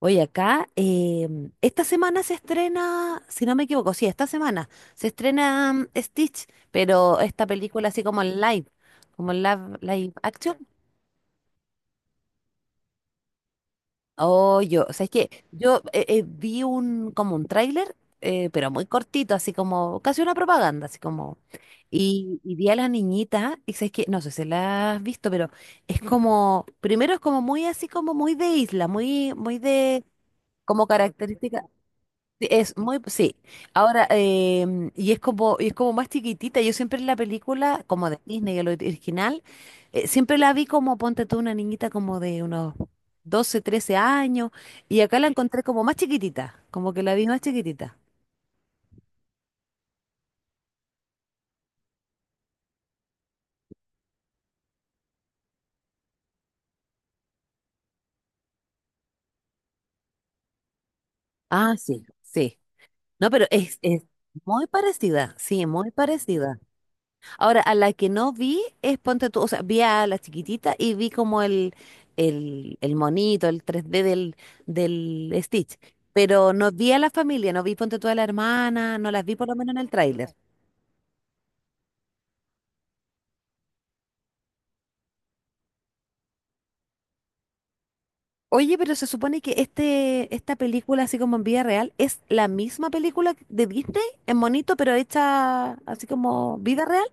Oye, acá, esta semana se estrena, si no me equivoco, sí, esta semana se estrena Stitch, pero esta película así como en live, live action. Oh, yo, o sea, es que yo vi un, como un tráiler, pero muy cortito, así como, casi una propaganda, así como, y vi a la niñita, y sabes que, no sé si la has visto, pero es como, primero es como muy así como muy de isla, muy, muy de, como característica. Sí, es muy, sí. Ahora, y es como más chiquitita. Yo siempre en la película, como de Disney, el original, siempre la vi como, ponte tú, una niñita como de unos 12 13 años, y acá la encontré como más chiquitita, como que la vi más chiquitita. Ah, sí, sí. No, pero es muy parecida, sí, muy parecida. Ahora, a la que no vi es Ponte tú, o sea, vi a la chiquitita y vi como el monito, el 3D del Stitch, pero no vi a la familia, no vi Ponte tú a la hermana, no las vi por lo menos en el tráiler. Oye, pero se supone que este, esta película, así como en vida real, es la misma película de Disney en monito, pero hecha así como vida real.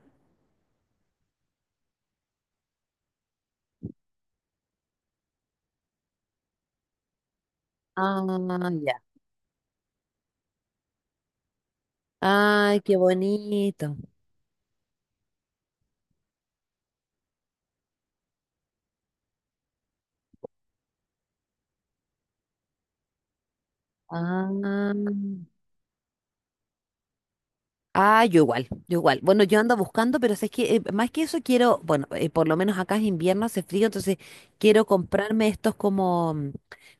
Ah, ya. Ay, qué bonito. Ah. Ah, yo igual, yo igual. Bueno, yo ando buscando, pero es que más que eso quiero, bueno, por lo menos acá es invierno, hace frío, entonces quiero comprarme estos como,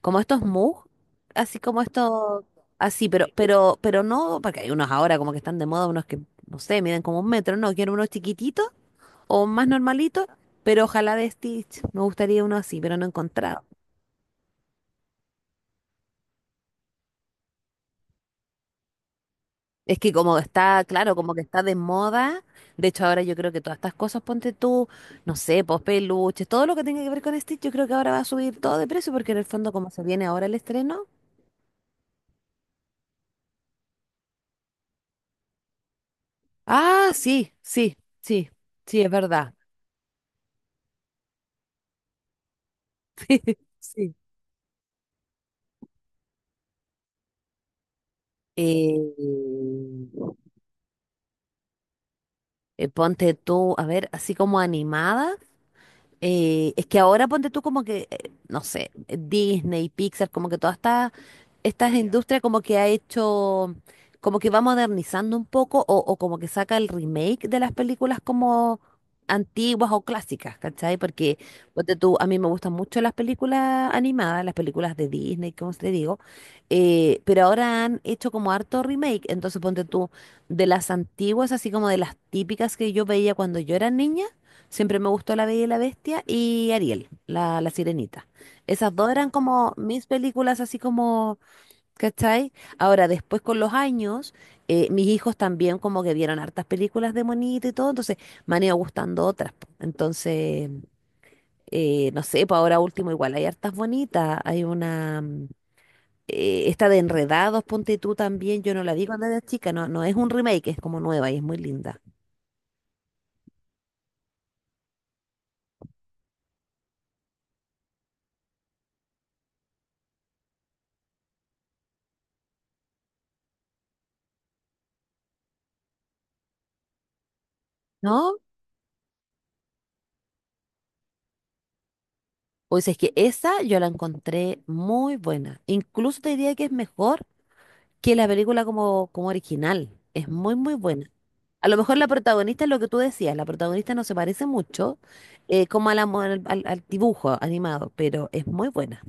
como estos mugs así como estos, así, pero, pero no, porque hay unos ahora como que están de moda, unos que, no sé, miden como un metro, no, quiero unos chiquititos o más normalitos, pero ojalá de Stitch, me gustaría uno así, pero no he encontrado. Es que como está, claro, como que está de moda, de hecho ahora yo creo que todas estas cosas, ponte tú, no sé, pues peluches, todo lo que tenga que ver con Stitch, yo creo que ahora va a subir todo de precio porque en el fondo como se viene ahora el estreno. Ah, sí, sí, sí, sí, es verdad. Sí, sí. Eh, ponte tú, a ver, así como animada. Es que ahora ponte tú como que, no sé, Disney, Pixar, como que esta industria como que ha hecho, como que va modernizando un poco o como que saca el remake de las películas como antiguas o clásicas, ¿cachai? Porque ponte tú, a mí me gustan mucho las películas animadas, las películas de Disney, como te digo, pero ahora han hecho como harto remake, entonces ponte tú, de las antiguas, así como de las típicas que yo veía cuando yo era niña. Siempre me gustó La Bella y la Bestia y Ariel, la Sirenita. Esas dos eran como mis películas, así como, ¿cachai? Ahora, después con los años, mis hijos también como que vieron hartas películas de monito y todo, entonces me han ido gustando otras. Po. Entonces, no sé, pues ahora último igual, hay hartas bonitas, hay una... esta de Enredados, ponte tú también, yo no la vi cuando era chica, no, no es un remake, es como nueva y es muy linda. ¿No? O sea, es que esa yo la encontré muy buena. Incluso te diría que es mejor que la película como, como original. Es muy, muy buena. A lo mejor la protagonista es lo que tú decías, la protagonista no se parece mucho como a la al, al dibujo animado, pero es muy buena.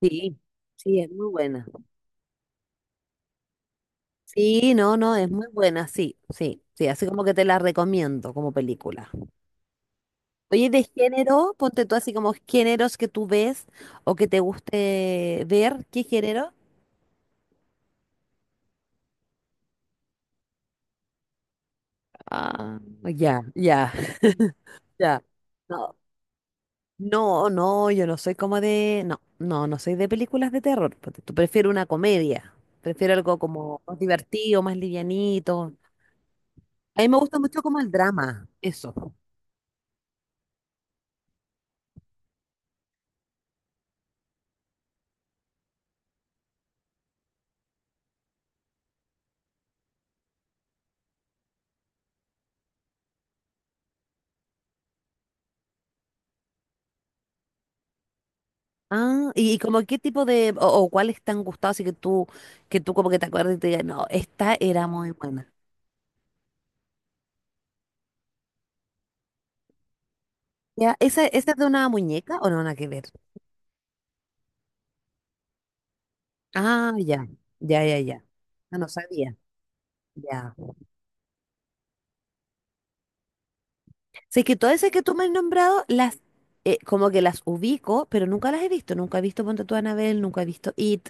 Sí, sí, es muy buena. Sí, no, no, es muy buena, sí, sí, sí, así como que te la recomiendo como película. Oye, de género, ponte tú así como géneros que tú ves o que te guste ver, ¿qué género? Ya, ya, ya. No, no, no, yo no soy como de, no, no, no soy de películas de terror. Porque tú prefiero una comedia, prefiero algo como más divertido, más livianito. A mí me gusta mucho como el drama, eso. Ah, y como qué tipo de, o cuáles te han gustado, así que tú como que te acuerdas y te digas, no, esta era muy buena. Ya, ¿esa, esa es de una muñeca o no, nada que ver? Ah, ya, ya, ya, ya. No, no sabía. Ya. Sí, que todas esas que tú me has nombrado, las como que las ubico, pero nunca las he visto. Nunca he visto Ponte tú Anabel, nunca he visto It.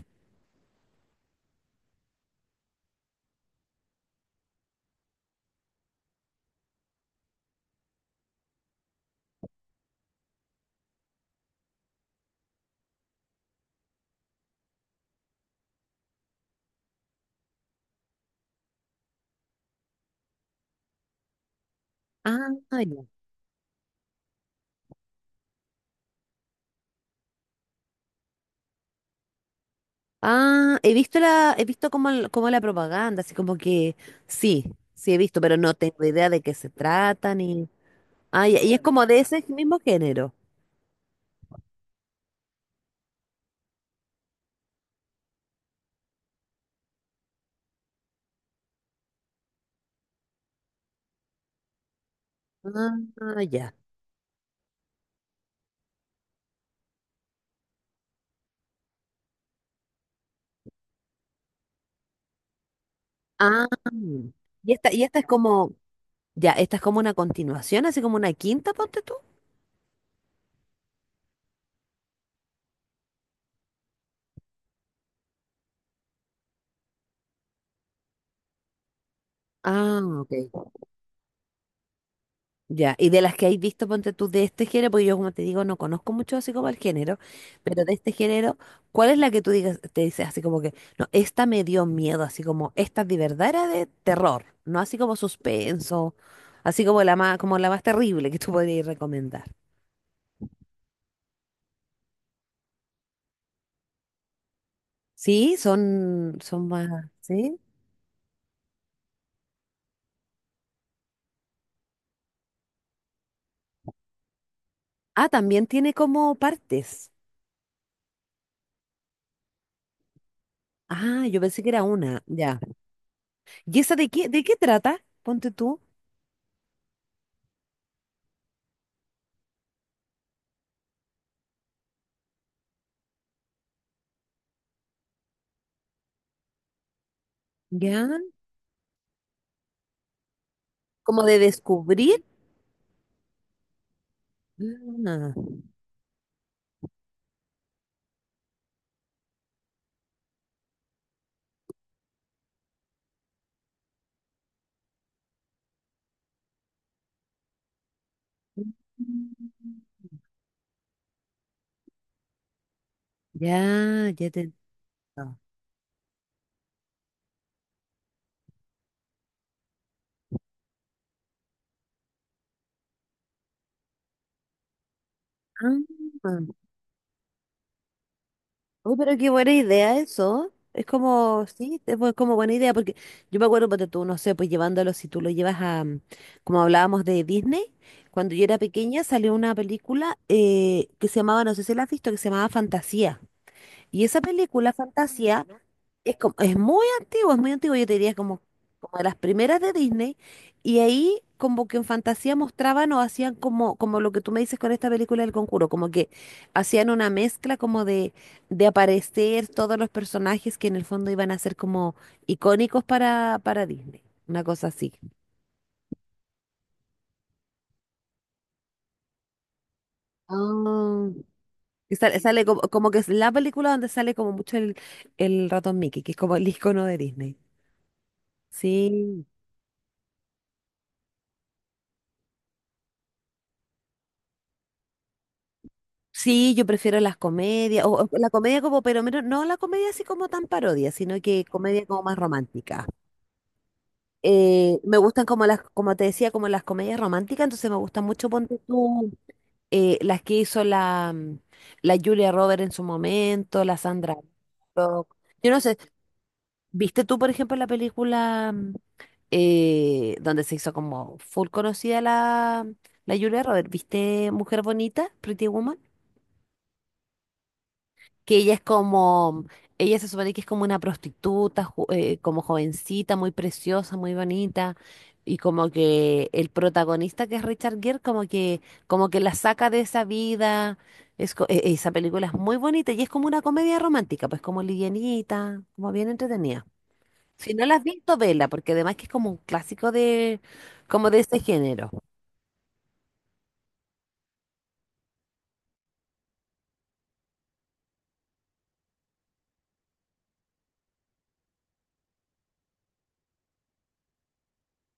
Ah, ya. Ah, he visto la, he visto como, como la propaganda, así como que sí, sí he visto, pero no tengo idea de qué se trata ni. Ah, ya, y es como de ese mismo género. Ah, ya. Ah, y esta es como, ya, esta es como una continuación, así como una quinta, ponte tú. Ah, ok. Ya, y de las que hay visto, ponte tú de este género, porque yo como te digo, no conozco mucho así como el género, pero de este género, ¿cuál es la que tú digas, te dices así como que, no, esta me dio miedo, así como, esta de verdad era de terror, no así como suspenso, así como la más terrible que tú podrías recomendar? Sí, son, son más, ¿sí? Ah, también tiene como partes. Ah, yo pensé que era una, ya. ¿Y esa de qué trata? Ponte tú, ya, como de descubrir. Ah. Ya, ya te entiendo. Ah, uy, pero qué buena idea eso. Es como, sí, es como buena idea, porque yo me acuerdo, porque tú, no sé, pues llevándolo, si tú lo llevas a, como hablábamos de Disney, cuando yo era pequeña salió una película que se llamaba, no sé si la has visto, que se llamaba Fantasía. Y esa película, Fantasía, es como, es muy antiguo, yo te diría como, como de las primeras de Disney, y ahí como que en fantasía mostraban o hacían como, como lo que tú me dices con esta película del Conjuro, como que hacían una mezcla como de aparecer todos los personajes que en el fondo iban a ser como icónicos para Disney, una cosa así. Ah, y sale, sale como, como que es la película donde sale como mucho el ratón Mickey, que es como el icono de Disney. Sí. Sí, yo prefiero las comedias, o la comedia como, pero menos, no la comedia así como tan parodia, sino que comedia como más romántica. Me gustan como las, como te decía, como las comedias románticas, entonces me gustan mucho, ponte tú, las que hizo la, la Julia Roberts en su momento, la Sandra Bullock. Yo no sé, ¿viste tú, por ejemplo, la película donde se hizo como full conocida la, la Julia Roberts? ¿Viste Mujer Bonita, Pretty Woman? Que ella es como, ella se supone que es como una prostituta, como jovencita, muy preciosa, muy bonita, y como que el protagonista que es Richard Gere, como que la saca de esa vida, esa película es muy bonita y es como una comedia romántica, pues como livianita, como bien entretenida. Si no la has visto, vela, porque además que es como un clásico de, como de ese género.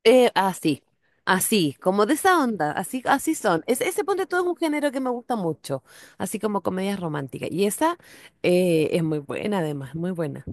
Así, así, como de esa onda, así, así son. Es, ese ponte todo es un género que me gusta mucho, así como comedias románticas. Y esa es muy buena, además, muy buena.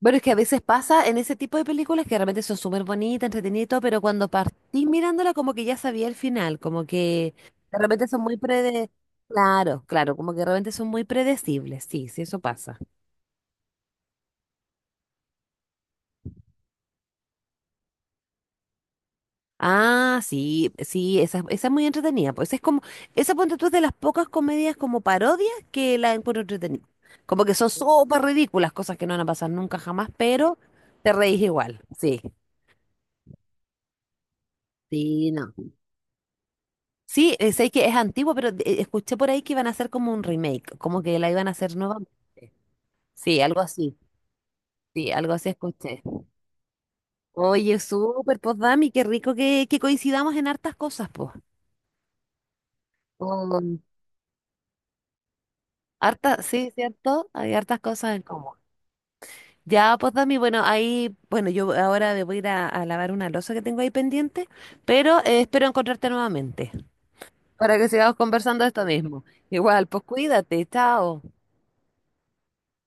Bueno, es que a veces pasa en ese tipo de películas que realmente son súper bonitas, entretenidas, y todo, pero cuando partís mirándola como que ya sabía el final, como que de repente son muy prede... Claro, claro, como que realmente son muy predecibles, sí, sí, eso pasa. Ah, sí, sí, esa es muy entretenida. Pues es como, esa ponte tú es de las pocas comedias como parodias que la encuentro entretenida. Como que son súper ridículas, cosas que no van a pasar nunca jamás, pero te reís igual. Sí, sí, no. Sí, sé que es antiguo, pero escuché por ahí que iban a hacer como un remake, como que la iban a hacer nuevamente. Sí, algo así. Sí, algo así escuché. Oye, súper, pues Dami, qué rico que coincidamos en hartas cosas, pues. Con hartas, sí, ¿cierto? Hay hartas cosas en común. Ya, pues Dami, bueno, ahí, bueno, yo ahora me voy a ir a lavar una losa que tengo ahí pendiente, pero espero encontrarte nuevamente para que sigamos conversando de esto mismo. Igual, pues cuídate, chao.